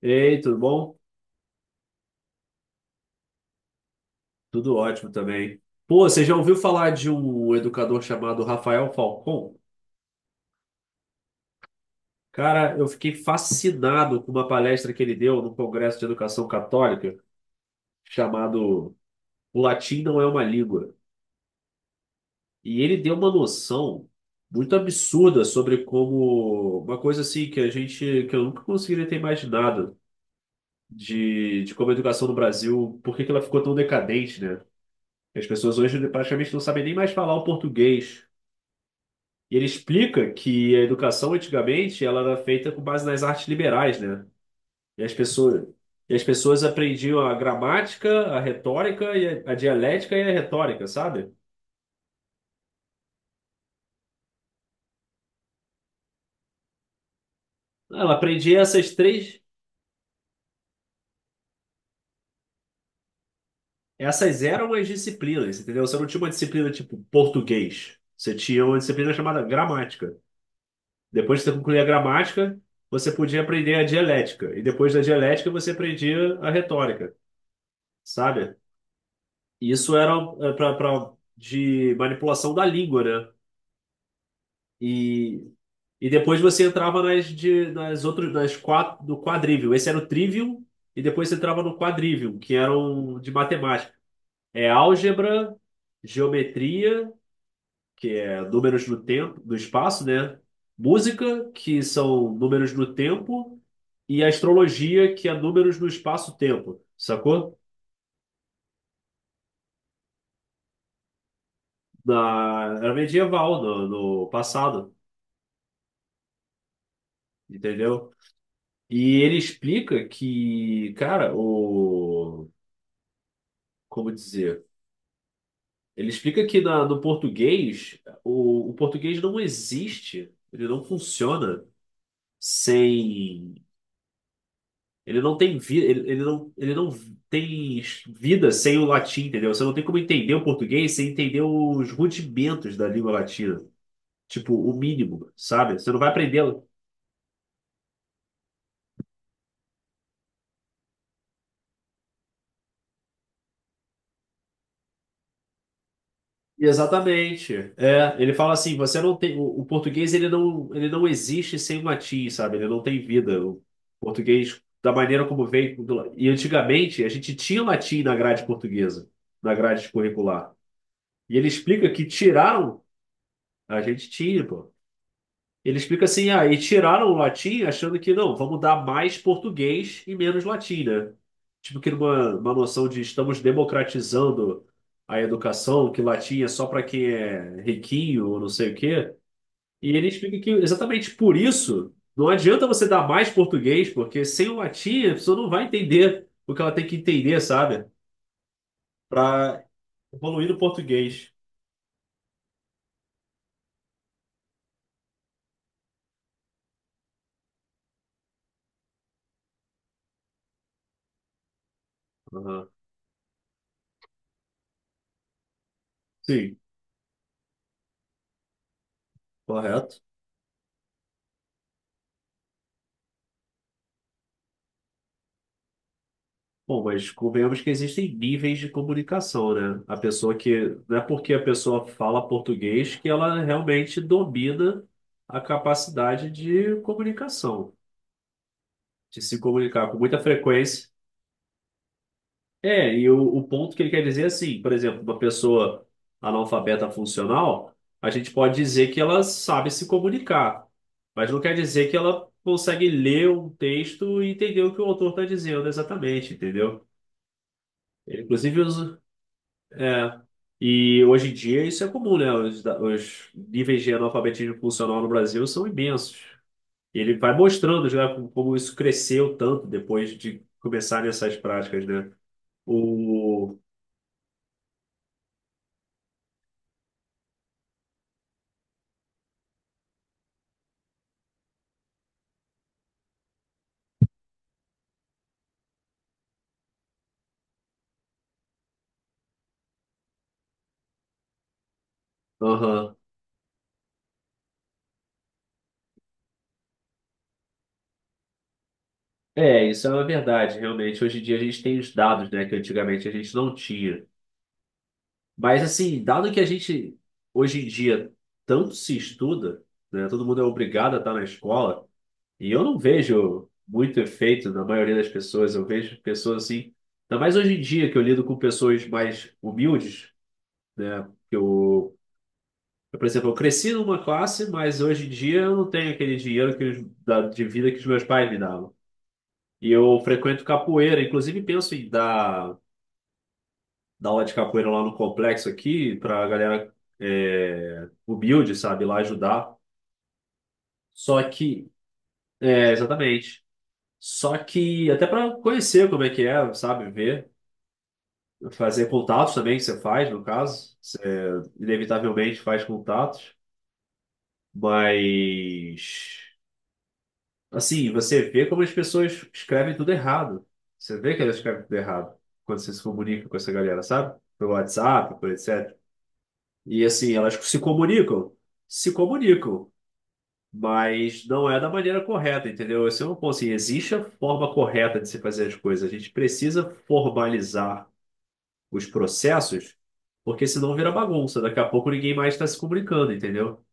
Ei, tudo bom? Tudo ótimo também. Pô, você já ouviu falar de um educador chamado Rafael Falcon? Cara, eu fiquei fascinado com uma palestra que ele deu no Congresso de Educação Católica, chamado O Latim Não é uma Língua. E ele deu uma noção muito absurda sobre como uma coisa assim que a gente, que eu nunca conseguiria ter imaginado de como a educação no Brasil, por que que ela ficou tão decadente, né? As pessoas hoje praticamente não sabem nem mais falar o português. E ele explica que a educação antigamente ela era feita com base nas artes liberais, né? E as pessoas, e as pessoas aprendiam a gramática, a retórica, e a dialética e a retórica, sabe? Ela aprendia essas três, essas eram as disciplinas, entendeu? Você não tinha uma disciplina tipo português, você tinha uma disciplina chamada gramática. Depois que você concluía a gramática, você podia aprender a dialética, e depois da dialética você aprendia a retórica, sabe? E isso era de manipulação da língua, né? E, e depois você entrava nas outras, nas quatro, do quadrívio. Esse era o trivium, e depois você entrava no quadrívio, que eram de matemática. É álgebra, geometria, que é números no tempo, no espaço, né? Música, que são números no tempo, e astrologia, que é números no espaço-tempo, sacou? Era medieval, no passado, entendeu? E ele explica que, cara, o. Como dizer? Ele explica que no português, o português não existe, ele não funciona sem. Ele não tem vida, ele não tem vida sem o latim, entendeu? Você não tem como entender o português sem entender os rudimentos da língua latina. Tipo, o mínimo, sabe? Você não vai aprender. Exatamente. É, ele fala assim, você não tem o português ele não existe sem o latim, sabe? Ele não tem vida. O português da maneira como veio e antigamente a gente tinha latim na grade portuguesa, na grade curricular. E ele explica que tiraram, a gente tinha, pô. Ele explica assim, ah, e tiraram o latim achando que não, vamos dar mais português e menos latim, né? Tipo que numa uma noção de estamos democratizando a educação, que latim é só para quem é riquinho ou não sei o quê. E ele explica que exatamente por isso não adianta você dar mais português, porque sem o latim a pessoa não vai entender o que ela tem que entender, sabe? Para evoluir no português. Aham. Sim, correto. Bom, mas convenhamos que existem níveis de comunicação, né? A pessoa que. Não é porque a pessoa fala português que ela realmente domina a capacidade de comunicação, de se comunicar com muita frequência. É, e o ponto que ele quer dizer é assim, por exemplo, uma pessoa analfabeta funcional, a gente pode dizer que ela sabe se comunicar, mas não quer dizer que ela consegue ler um texto e entender o que o autor está dizendo exatamente, entendeu? Ele, inclusive, usa. É. E hoje em dia isso é comum, né? Os níveis de analfabetismo funcional no Brasil são imensos. E ele vai mostrando já como isso cresceu tanto depois de começarem essas práticas, né? O. Aham. É, isso é uma verdade, realmente. Hoje em dia a gente tem os dados, né, que antigamente a gente não tinha. Mas, assim, dado que a gente, hoje em dia, tanto se estuda, né, todo mundo é obrigado a estar na escola, e eu não vejo muito efeito na maioria das pessoas. Eu vejo pessoas assim, ainda mais hoje em dia que eu lido com pessoas mais humildes, né? Que eu, por exemplo, eu cresci numa classe, mas hoje em dia eu não tenho aquele dinheiro que de vida que os meus pais me davam. E eu frequento capoeira, inclusive penso em dar aula de capoeira lá no complexo aqui para galera humilde, sabe, lá ajudar. Só que, exatamente. Só que até para conhecer como é que é, sabe, ver. Fazer contatos também, que você faz, no caso. Você inevitavelmente faz contatos. Mas, assim, você vê como as pessoas escrevem tudo errado. Você vê que elas escrevem tudo errado quando você se comunica com essa galera, sabe? Pelo WhatsApp, por etc. E, assim, elas se comunicam. Se comunicam. Mas não é da maneira correta, entendeu? Esse é um ponto, assim, existe a forma correta de se fazer as coisas. A gente precisa formalizar os processos, porque senão vira bagunça. Daqui a pouco ninguém mais está se comunicando, entendeu?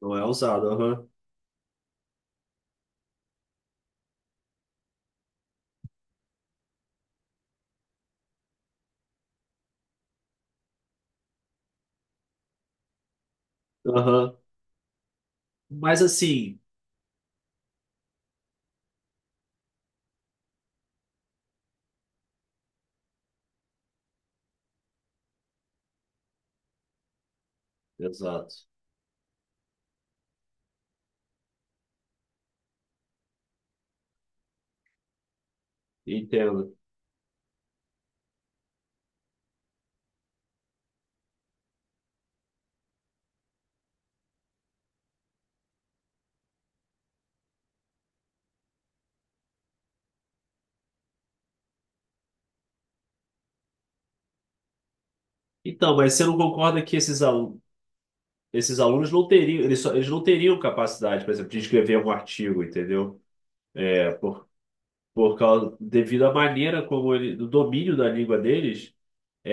Não é usado. Aham. Aham. Mas assim. Exato. Entendo. Então, mas você não concorda que esses alunos não teriam, eles não teriam capacidade, por exemplo, de escrever um artigo, entendeu? É, devido à maneira como do domínio da língua deles,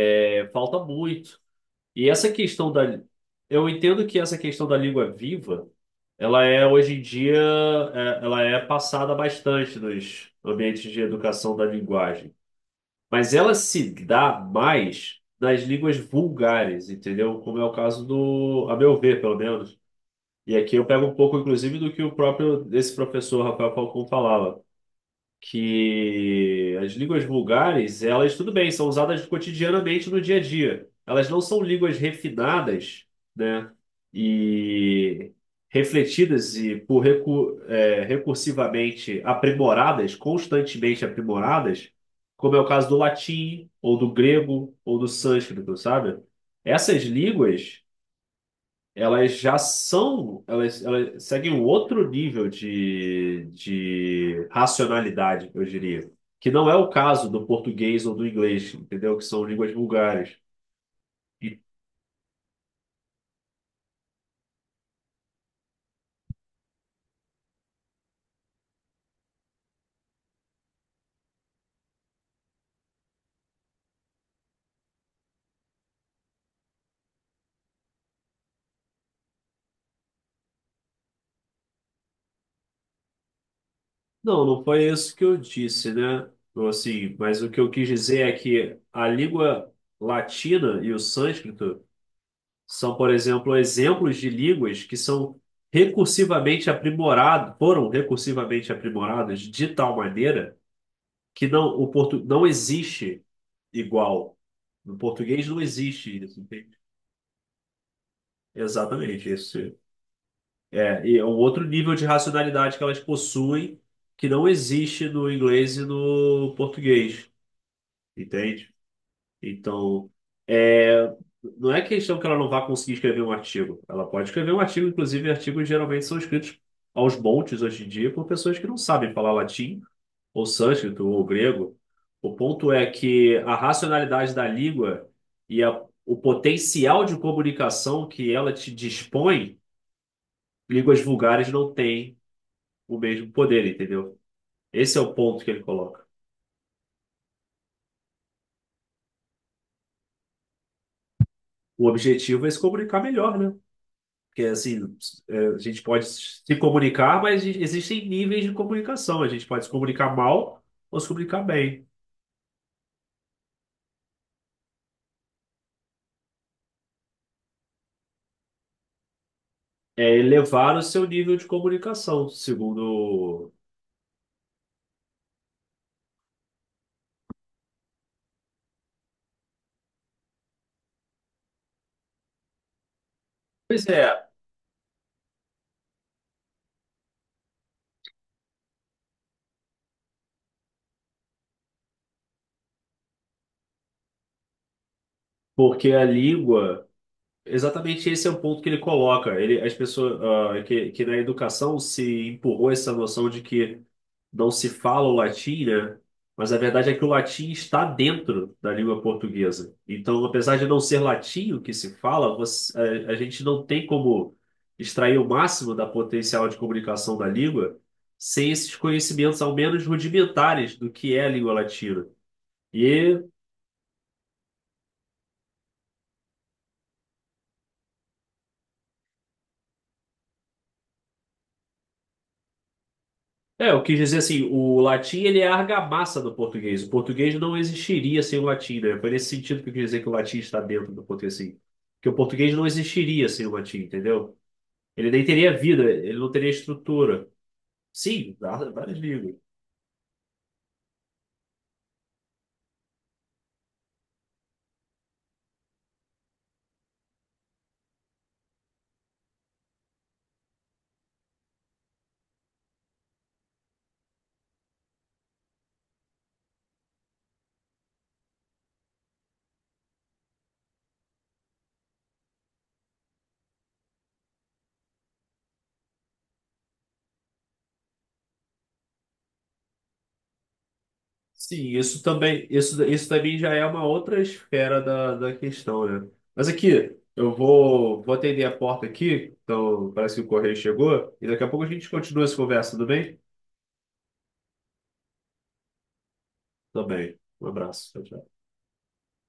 falta muito. E essa questão da. Eu entendo que essa questão da língua viva, ela é hoje em dia, ela é passada bastante nos ambientes de educação da linguagem. Mas ela se dá mais nas línguas vulgares, entendeu? Como é o caso a meu ver, pelo menos. E aqui eu pego um pouco, inclusive, do que o próprio esse professor Rafael Falcão falava que as línguas vulgares, elas, tudo bem, são usadas cotidianamente no dia a dia. Elas não são línguas refinadas, né? E refletidas e recursivamente aprimoradas, constantemente aprimoradas, como é o caso do latim, ou do grego, ou do sânscrito, sabe? Essas línguas elas já são, elas seguem um outro nível de racionalidade, eu diria. Que não é o caso do português ou do inglês, entendeu? Que são línguas vulgares. E- não, não foi isso que eu disse, né? Mas o que eu quis dizer é que a língua latina e o sânscrito são, por exemplo, exemplos de línguas que são recursivamente aprimoradas, foram recursivamente aprimoradas de tal maneira que não, não existe igual. No português não existe isso, entende? Exatamente, e é um outro nível de racionalidade que elas possuem que não existe no inglês e no português, entende? Então, é, não é questão que ela não vá conseguir escrever um artigo. Ela pode escrever um artigo, inclusive artigos geralmente são escritos aos montes hoje em dia por pessoas que não sabem falar latim ou sânscrito, ou grego. O ponto é que a racionalidade da língua e o potencial de comunicação que ela te dispõe, línguas vulgares não têm o mesmo poder, entendeu? Esse é o ponto que ele coloca. O objetivo é se comunicar melhor, né? Porque assim, a gente pode se comunicar, mas existem níveis de comunicação. A gente pode se comunicar mal ou se comunicar bem. É elevar o seu nível de comunicação, segundo. Pois é, porque a língua. Exatamente esse é o ponto que ele coloca. As pessoas, ah, que na educação se empurrou essa noção de que não se fala o latim, né? Mas a verdade é que o latim está dentro da língua portuguesa. Então, apesar de não ser latim o que se fala, a gente não tem como extrair o máximo da potencial de comunicação da língua sem esses conhecimentos, ao menos rudimentares, do que é a língua latina. E eu quis dizer assim, o latim ele é a argamassa do português. O português não existiria sem o latim, né? Foi nesse sentido que eu quis dizer que o latim está dentro do português, assim. Que o português não existiria sem o latim, entendeu? Ele nem teria vida, ele não teria estrutura. Sim, várias línguas. Sim, isso também, isso também já é uma outra esfera da questão, né? Mas aqui, eu vou atender a porta aqui, então parece que o correio chegou, e daqui a pouco a gente continua essa conversa, tudo bem? Também. Um abraço. Tchau, tchau.